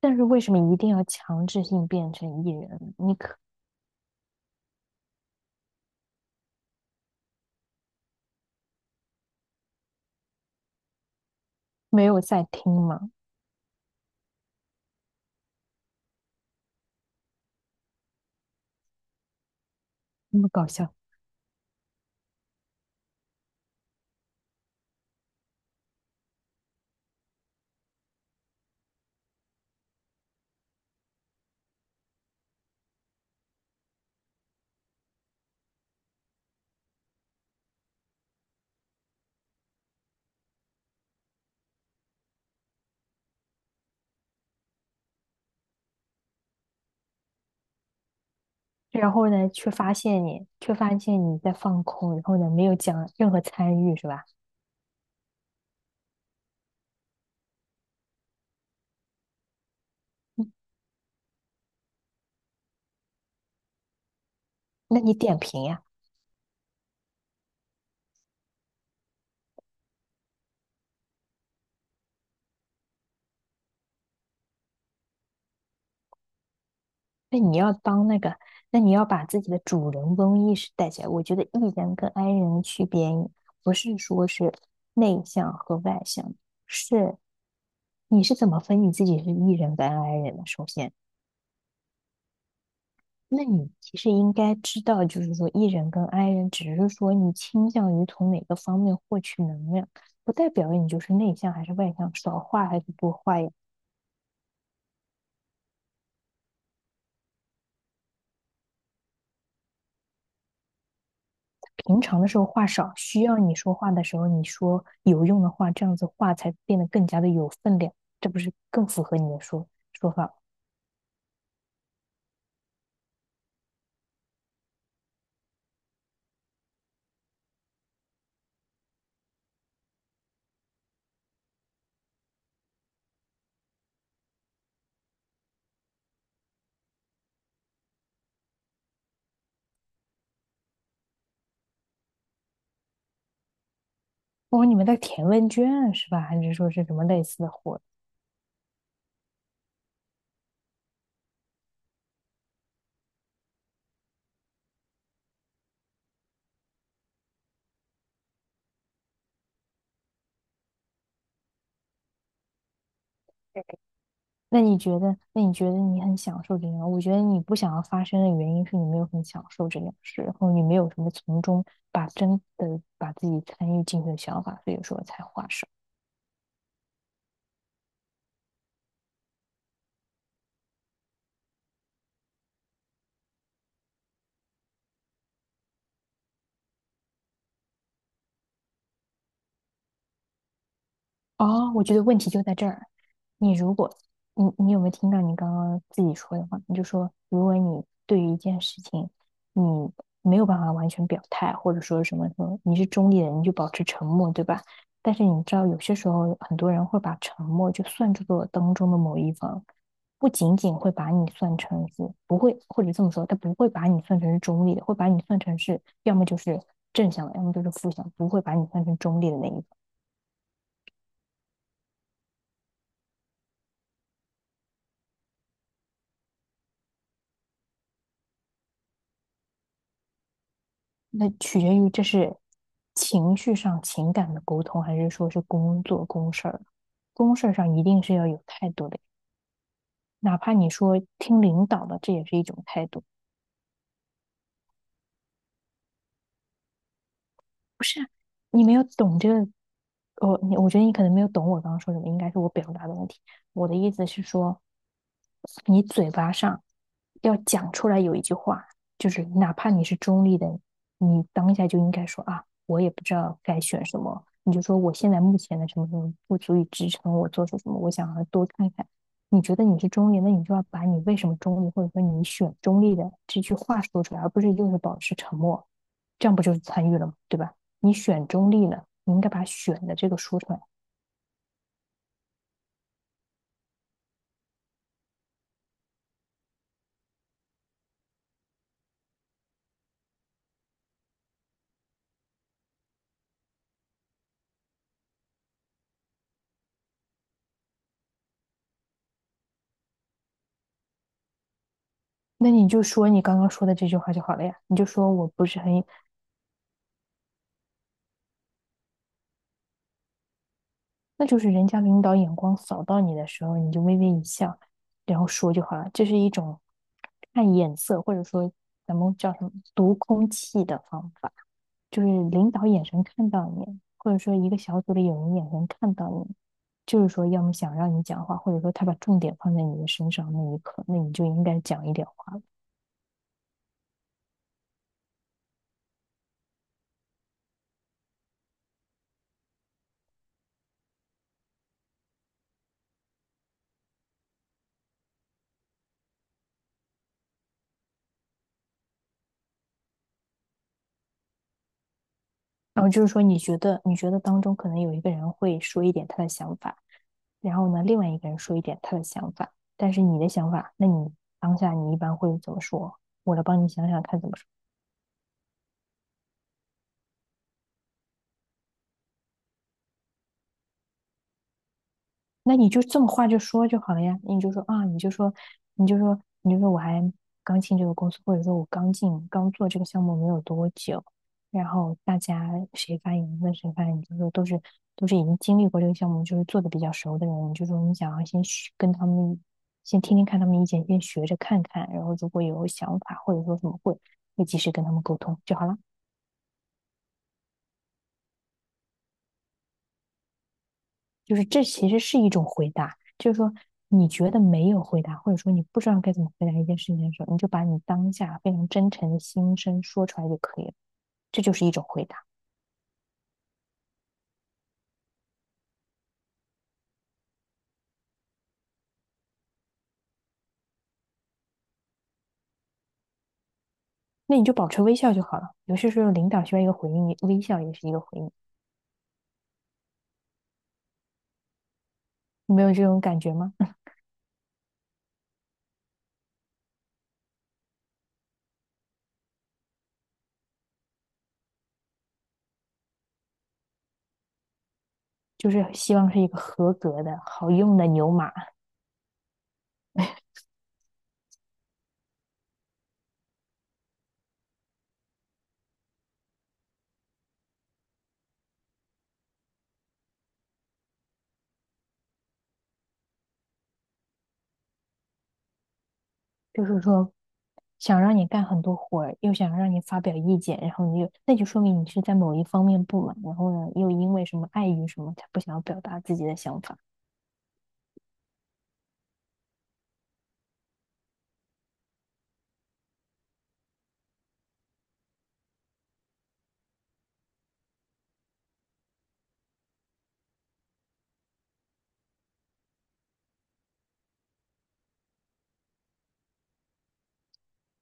但是为什么一定要强制性变成艺人？没有在听吗？那么搞笑。然后呢，却发现你在放空，然后呢，没有讲任何参与，是吧？那你点评呀？那你要当那个，那你要把自己的主人翁意识带起来。我觉得 E 人跟 I 人的区别，不是说是内向和外向，是你是怎么分你自己是 E 人跟 I 人的？首先。那你其实应该知道，就是说 E 人跟 I 人，只是说你倾向于从哪个方面获取能量，不代表你就是内向还是外向，少话还是多话呀。平常的时候话少，需要你说话的时候你说有用的话，这样子话才变得更加的有分量，这不是更符合你的说法？哦，你们在填问卷啊是吧？还是说是什么类似的活？那你觉得你很享受这件我觉得你不想要发生的原因是你没有很享受这件事，然后你没有什么从中把真的把自己参与进去的想法，所以说才划伤。哦，我觉得问题就在这儿。你如果你有没有听到你刚刚自己说的话？你就说，如果你对于一件事情，你没有办法完全表态，或者说什么什么，你是中立的你就保持沉默，对吧？但是你知道，有些时候很多人会把沉默就算作当中的某一方，不仅仅会把你算成是不会，或者这么说，他不会把你算成是中立的，会把你算成是要么就是正向的，要么就是负向，不会把你算成中立的那一方。那取决于这是情绪上情感的沟通，还是说是工作公事儿？公事儿上一定是要有态度的，哪怕你说听领导的，这也是一种态度。不是啊，你没有懂这个，我觉得你可能没有懂我刚刚说什么，应该是我表达的问题。我的意思是说，你嘴巴上要讲出来有一句话，就是哪怕你是中立的，你当下就应该说啊，我也不知道该选什么，你就说我现在目前的什么什么不足以支撑我做出什么，我想要多看看。你觉得你是中立，那你就要把你为什么中立，或者说你选中立的这句话说出来，而不是就是保持沉默，这样不就是参与了吗？对吧？你选中立了，你应该把选的这个说出来。那你就说你刚刚说的这句话就好了呀，你就说我不是很，那就是人家领导眼光扫到你的时候，你就微微一笑，然后说就好了。这是一种看眼色，或者说咱们叫什么读空气的方法，就是领导眼神看到你，或者说一个小组里有人眼神看到你，就是说要么想让你讲话，或者说他把重点放在你的身上那一刻，那你就应该讲一点话了。然后就是说，你觉得当中可能有一个人会说一点他的想法，然后呢，另外一个人说一点他的想法，但是你的想法，那你当下你一般会怎么说？我来帮你想想看怎么说。那你就这么话就说就好了呀，你就说啊，你就说，你就说，你就说，我还刚进这个公司，或者说我刚做这个项目没有多久，然后大家谁发言问谁发言，你就说都是已经经历过这个项目，就是做的比较熟的人，你就说你想要先学跟他们先听听看他们意见，先学着看看，然后如果有想法或者说什么会及时跟他们沟通就好了。就是这其实是一种回答，就是说你觉得没有回答，或者说你不知道该怎么回答一件事情的时候，你就把你当下非常真诚的心声说出来就可以了，这就是一种回答。那你就保持微笑就好了。有些时候领导需要一个回应，微笑也是一个回应。你没有这种感觉吗？就是希望是一个合格的、好用的牛马。就是说想让你干很多活儿，又想让你发表意见，然后你又，那就说明你是在某一方面不满，然后呢，又因为什么碍于什么，他不想要表达自己的想法。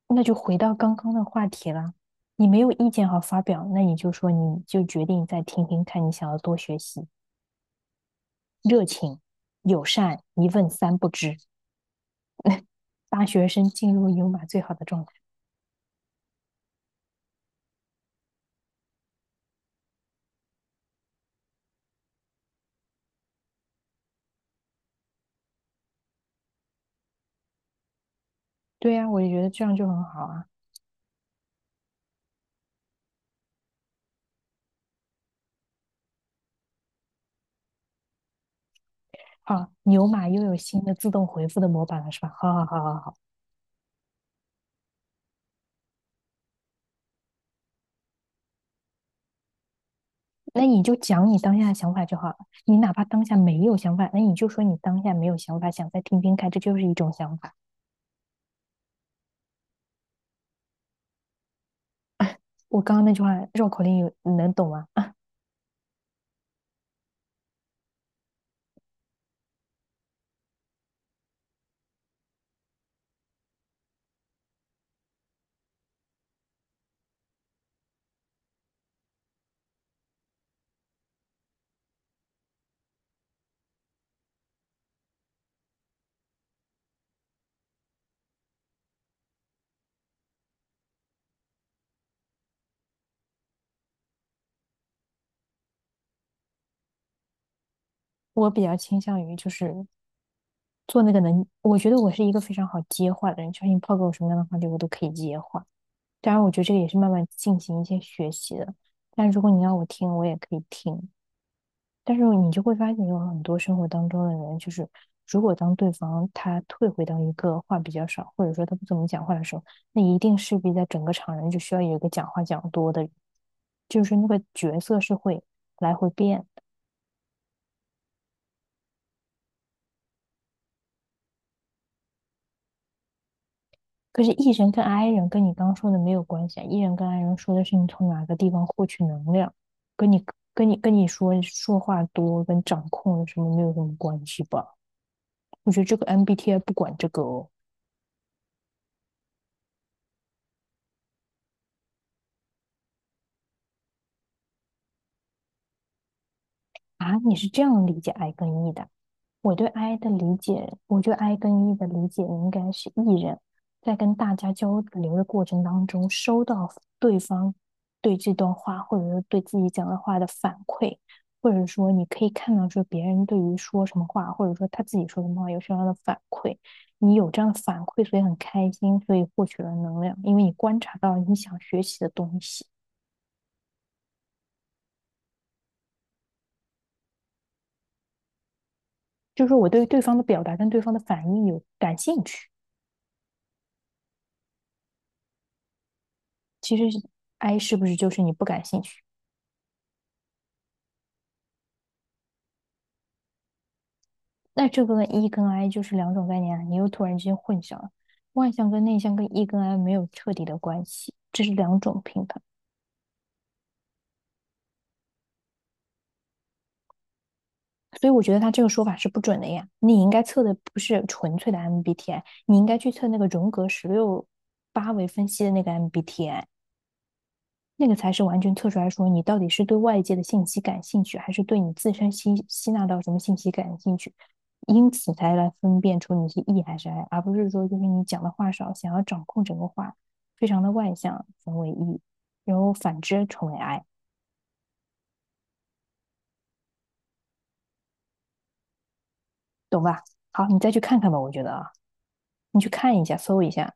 那就回到刚刚的话题啦，你没有意见好发表，那你就说你就决定再听听看，你想要多学习，热情、友善，一问三不知，大学生进入牛马最好的状态。对呀，我就觉得这样就很好啊。好，牛马又有新的自动回复的模板了，是吧？好好好好好。那你就讲你当下的想法就好了。你哪怕当下没有想法，那你就说你当下没有想法，想再听听看，这就是一种想法。我刚刚那句话绕口令有你能懂吗？我比较倾向于就是做那个能，我觉得我是一个非常好接话的人，就是你抛给我什么样的话题，我都可以接话。当然，我觉得这个也是慢慢进行一些学习的。但如果你要我听，我也可以听。但是你就会发现，有很多生活当中的人，就是如果当对方他退回到一个话比较少，或者说他不怎么讲话的时候，那一定势必在整个场人就需要有一个讲话讲多的人，就是那个角色是会来回变的。可是 E 人跟 I 人跟你刚说的没有关系啊，E 人跟 I 人说的是你从哪个地方获取能量，跟你跟你说说话多跟掌控什么没有什么关系吧？我觉得这个 MBTI 不管这个哦。啊，你是这样理解 I 跟 E 的啊？我对 I 跟 E 的理解应该是 E 人在跟大家交流的过程当中，收到对方对这段话或者是对自己讲的话的反馈，或者说你可以看到说别人对于说什么话，或者说他自己说什么话有什么样的反馈，你有这样的反馈，所以很开心，所以获取了能量，因为你观察到你想学习的东西，就是我对对方的表达跟对方的反应有感兴趣。其实 I 是不是就是你不感兴趣？那这个 E 跟 I 就是两种概念啊，你又突然之间混淆了。外向跟内向跟 E 跟 I 没有彻底的关系，这是两种评判，所以我觉得他这个说法是不准的呀。你应该测的不是纯粹的 MBTI，你应该去测那个荣格168维分析的那个 MBTI。那个才是完全测出来说你到底是对外界的信息感兴趣，还是对你自身吸纳到什么信息感兴趣，因此才来分辨出你是 E 还是 I，而不是说就是你讲的话少，想要掌控整个话，非常的外向，成为 E，然后反之成为 I，懂吧？好，你再去看看吧，我觉得啊，你去看一下，搜一下，